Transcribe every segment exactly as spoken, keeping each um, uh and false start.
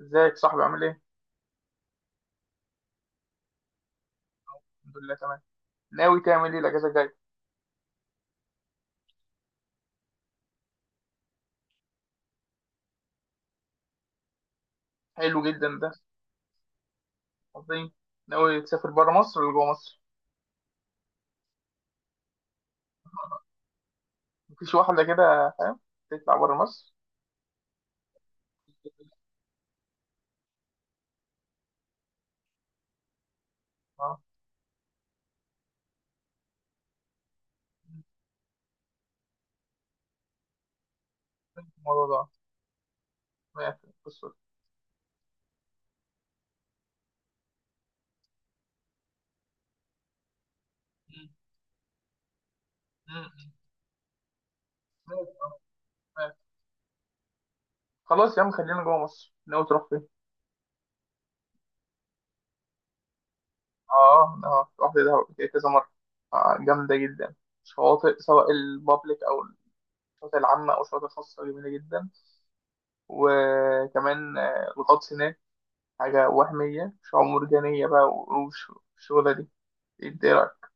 ازيك صاحبي؟ عامل ايه؟ الحمد لله تمام. ناوي تعمل ايه الأجازة الجاية؟ حلو جدا ده. عظيم. ناوي تسافر بره مصر ولا جوه مصر؟ مفيش واحدة كده، فاهم؟ تطلع بره مصر؟ اه. الموضوع ده. ماشي، بص. مم. مم. ماشي، اه. ماشي. خلاص يا عم، خلينا جوه مصر. ناوي تروح فين؟ اه، اه، رحت دهب قبل كده كذا مرة. آه جامدة جدا. شواطئ، سواء البابليك أو الشواطئ العامة أو الشواطئ الخاصة، جميلة جدا. وكمان آه، الغطس هناك حاجة وهمية، مش مرجانية بقى، وش- والشغلة دي، ايه رأيك؟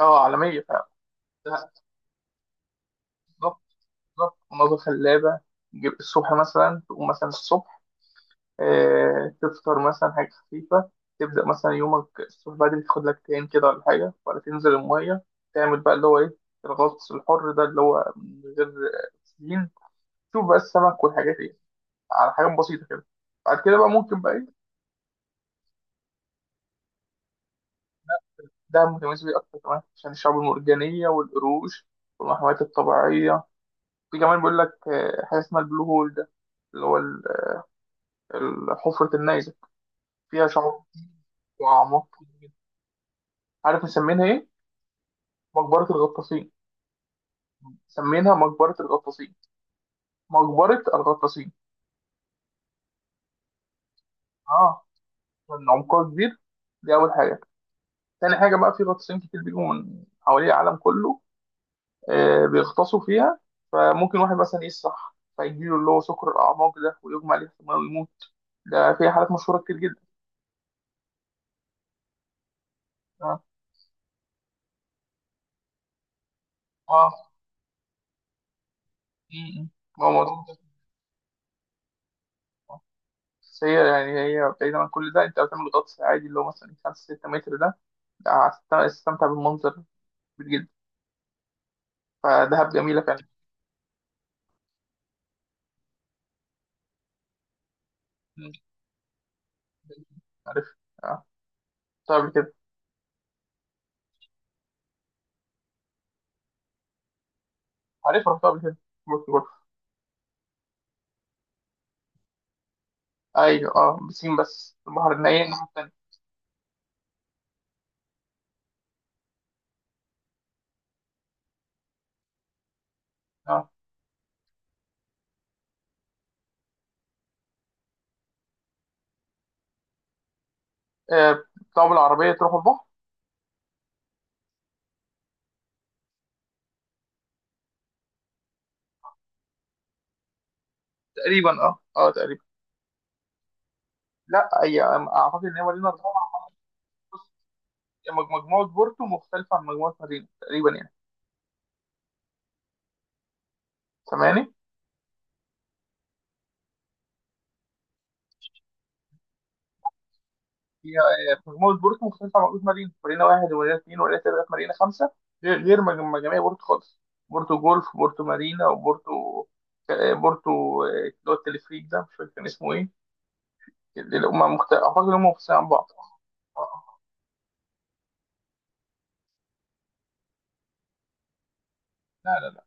اه، عالمية فعلا. لا، بالظبط. بالظبط، مناظر خلابة. تجيب الصبح مثلا، تقوم مثلا الصبح، آه تفطر مثلا حاجة خفيفة. تبدأ مثلا يومك الصبح بدري، تاخد لك تان كده ولا حاجة، ولا تنزل المية، تعمل بقى اللي هو ايه، الغطس الحر ده، اللي هو من غير سين، تشوف بقى السمك والحاجات دي، على حاجات بسيطة كده. بعد كده بقى ممكن بقى ايه، ده متميز بيه أكتر كمان عشان الشعب المرجانية والقروش والمحميات الطبيعية. في كمان بيقول لك آه، حاجة اسمها البلو هول ده، اللي هو ال- ال- حفرة النيزك، فيها شعاب وأعماق كتير جدا. عارف مسمينها إيه؟ مقبرة الغطاسين. مسمينها مقبرة الغطاسين. مقبرة الغطاسين. آه، لأن عمقها كبير، دي أول حاجة. تاني حاجة بقى، في غطاسين كتير بيجوا من حوالي العالم كله آه، بيغطسوا فيها. فممكن واحد مثلا يسرح، فيجيله اللي هو سكر الأعماق ده، ويغمى عليه في المية ويموت. ده في حالات مشهورة كتير جدا. اه، اه. م- م. ما هو موضوع، بس هي يعني، هي بعيدا عن كل ده، انت بتعمل غطس عادي، اللي هو مثلا خمسة ست متر، ده ده هتست- هتستمتع بالمنظر كبير جدا. فدهب جميلة فعلا. م. عارف، اه، رحتها قبل كده. عارف، رحتها قبل كده، بورتو جولف. ايوه، اه، بسين بس، البحر الناحية الناحية التانية. اه، آه، بتطلعوا بالعربية تروحوا البحر. تقريبا، اه، اه، تقريبا. لا، هي اعتقد ان هي مارينا اربعة. مجموعة بورتو مختلفة عن مجموعة مارينا تقريبا يعني. سامعني؟ هي آه، مجموعة بورتو مختلفة عن بورتو مارينا. مارينا واحد ومارينا اتنين ومارينا تلاتة، مارينا خمسة، غير غير مج- مجاميع بورتو خالص. بورتو جولف، بورتو مارينا، وبورتو آه، بورتو آه، اللي هو التلفريك ده، مش فاكر كان اسمه ايه. اللي هم مخت... أعتقد إن هم مختلفين عن بعض. لا لا لا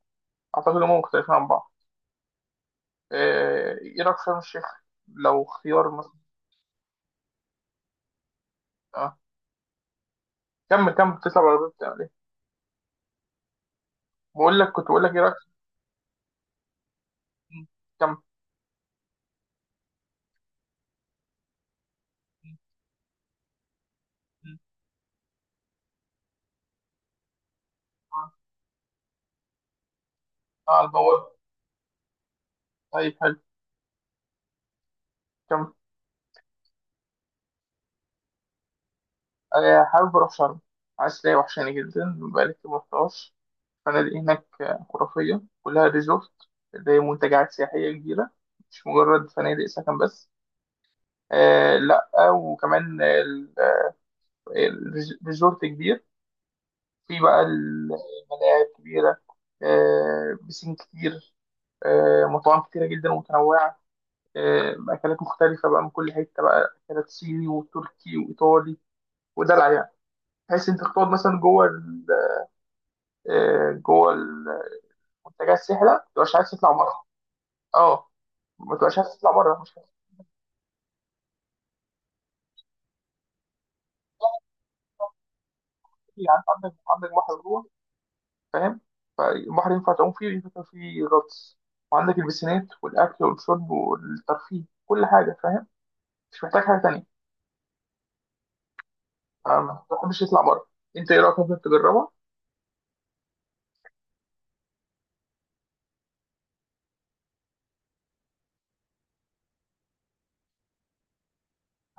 أعتقد إن هم مختلفين عن بعض. آه، إيه رأيك في شرم الشيخ لو خيار مثلا؟ آه. كمل كمل، تطلع على الباب تعمل إيه؟ بقول لك، كنت بقول لك إيه رأيك. كمل. م- م- م. على البوابة. طيب حلو، كمل. آه، حابب أروح شرم، عسلية، وحشاني جدا، بقالي كتير مرحتهاش. الفنادق هناك آه، خرافية، كلها ريزورت، زي منتجعات سياحية كبيرة، مش مجرد فنادق سكن بس. آه، لأ، وكمان ال- ال- الريزورت كبير، في بقى الملاعب كبيرة، آه بسين كتير، آه مطاعم كتيرة جدا ومتنوعة، آه أكلات مختلفة بقى من كل حتة بقى، أكلات صيني وتركي وإيطالي، ودلع يعني، بحيث أنت تقعد مثلا جوه آه، جوه المنتجات السحره، ما تبقاش عايز تطلع بره. اه، ما تبقاش عايز تطلع بره، مش عارف. إيه، يعني عندك عندك بحر جوه، فاهم؟ فالبحر ينفع تعوم فيه وينفع تعمل فيه غطس، وعندك البسينات والاكل والشرب والترفيه، كل حاجه، فاهم؟ مش محتاج حاجه تانيه. آه، ما تحبش تطلع بره. انت ايه رايك، ممكن تجربها؟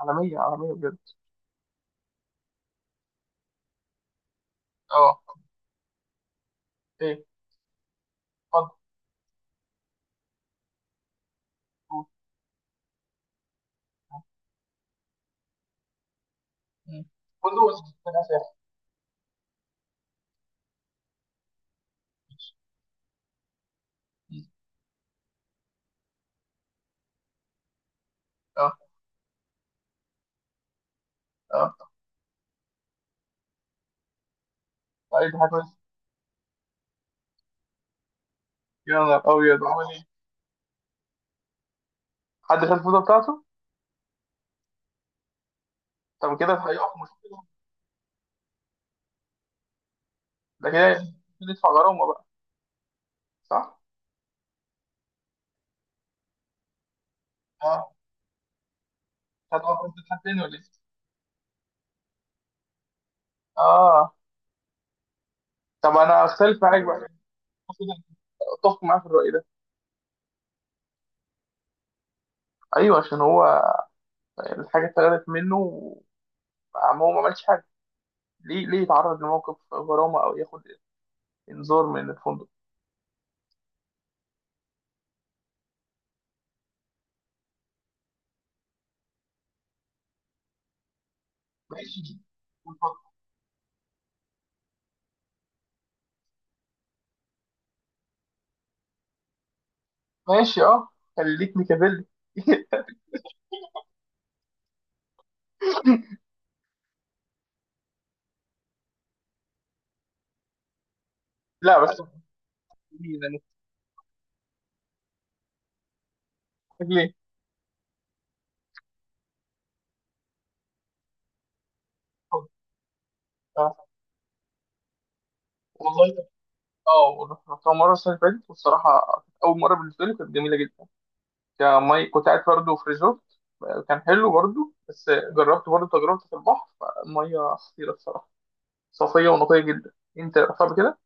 عالميه، عالميه بجد. اه. ايه؟ اتفضل. قول. مم. فندق بس محتاج سياحة. مم. اه، اه. طيب، دي حاجه كويسة. يا نهار ابيض، عمل ايه؟ حد شاف الفوطه بتاعته؟ طب كده هيقف مشكله، ده كده ندفع غرامة بقى، صح؟ اه. هتبقى فرصة حد تاني ولا ايه؟ اه. طب انا اختلف معاك بقى، اتفق معاه في الرأي ده. ايوه، عشان هو الحاجة اتاخدت منه، وعم هو ما عملش حاجة، ليه ليه يتعرض لموقف غرامة او ياخد انذار من الفندق؟ ماشي. ماشي، اه، خليك ميكافيلي. لا بس، ليه؟ لأن- ليه؟ آه، والله، اه، رحتها مرة السنة اللي فاتت، والصراحة كانت أول مرة بالنسبة لي، كانت جميلة جدا. كمي كنت قاعد برضه في ريزورت، كان حلو برضه، بس جربت برضه تجربة في البحر، المية خطيرة الصراحة، صافية ونقية جدا. انت رحتها قبل كده؟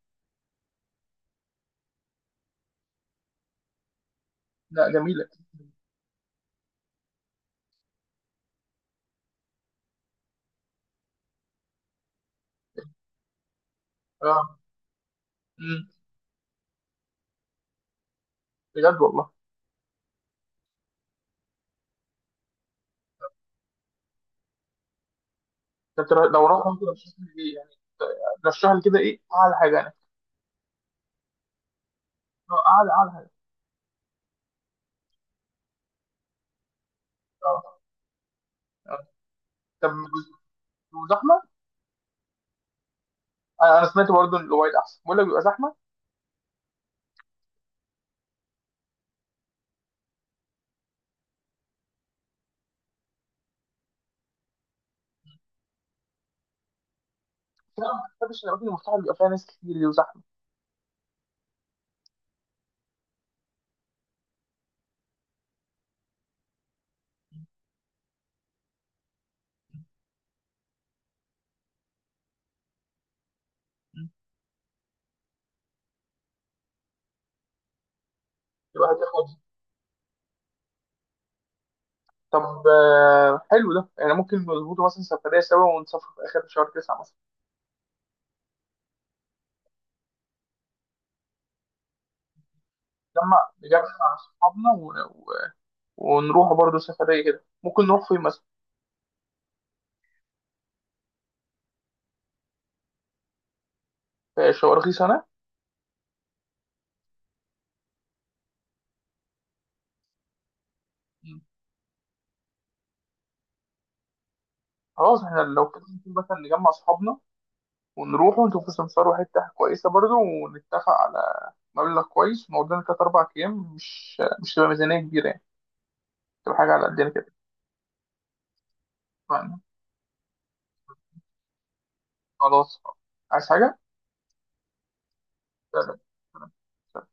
لا، جميلة. اه. امم. بجد والله. ده أنت لو رحت ممكن ارشح لي ايه يعني؟ رشح لي كده ايه اعلى حاجة يعني؟ آه، اعلى، اعلى حاجة. اه. آه. طب بيبقوا زحمة؟ آه، انا سمعت برضه ان الاوبايد احسن، بقول لك بيبقى زحمة. لا، ما بحبش الاماكن المفتوحة اللي بيبقى فيها ناس كتير دي وزحمة. مم. تبقى هادية. طب آه، حلو ده، يعني ممكن نظبطه مثلا سفرية سوا، ونسافر في آخر شهر تسعة مثلا. نجمع نجمع أصحابنا و- و- ونروح برضه سفرية كده. ممكن نروح فين مثلا؟ في شوارخيص أنا. مم. خلاص، احنا لو كده ممكن مثلا نجمع أصحابنا، ونروح ونشوف سمسار حتة كويسة برضه، ونتفق على مبلغ كويس، ونقعد لنا تلات أربع أيام، مش مش تبقى ميزانية كبيرة يعني، تبقى حاجة على قدنا كده. اتفقنا. خلاص، عايز حاجة؟ سلام. سلام.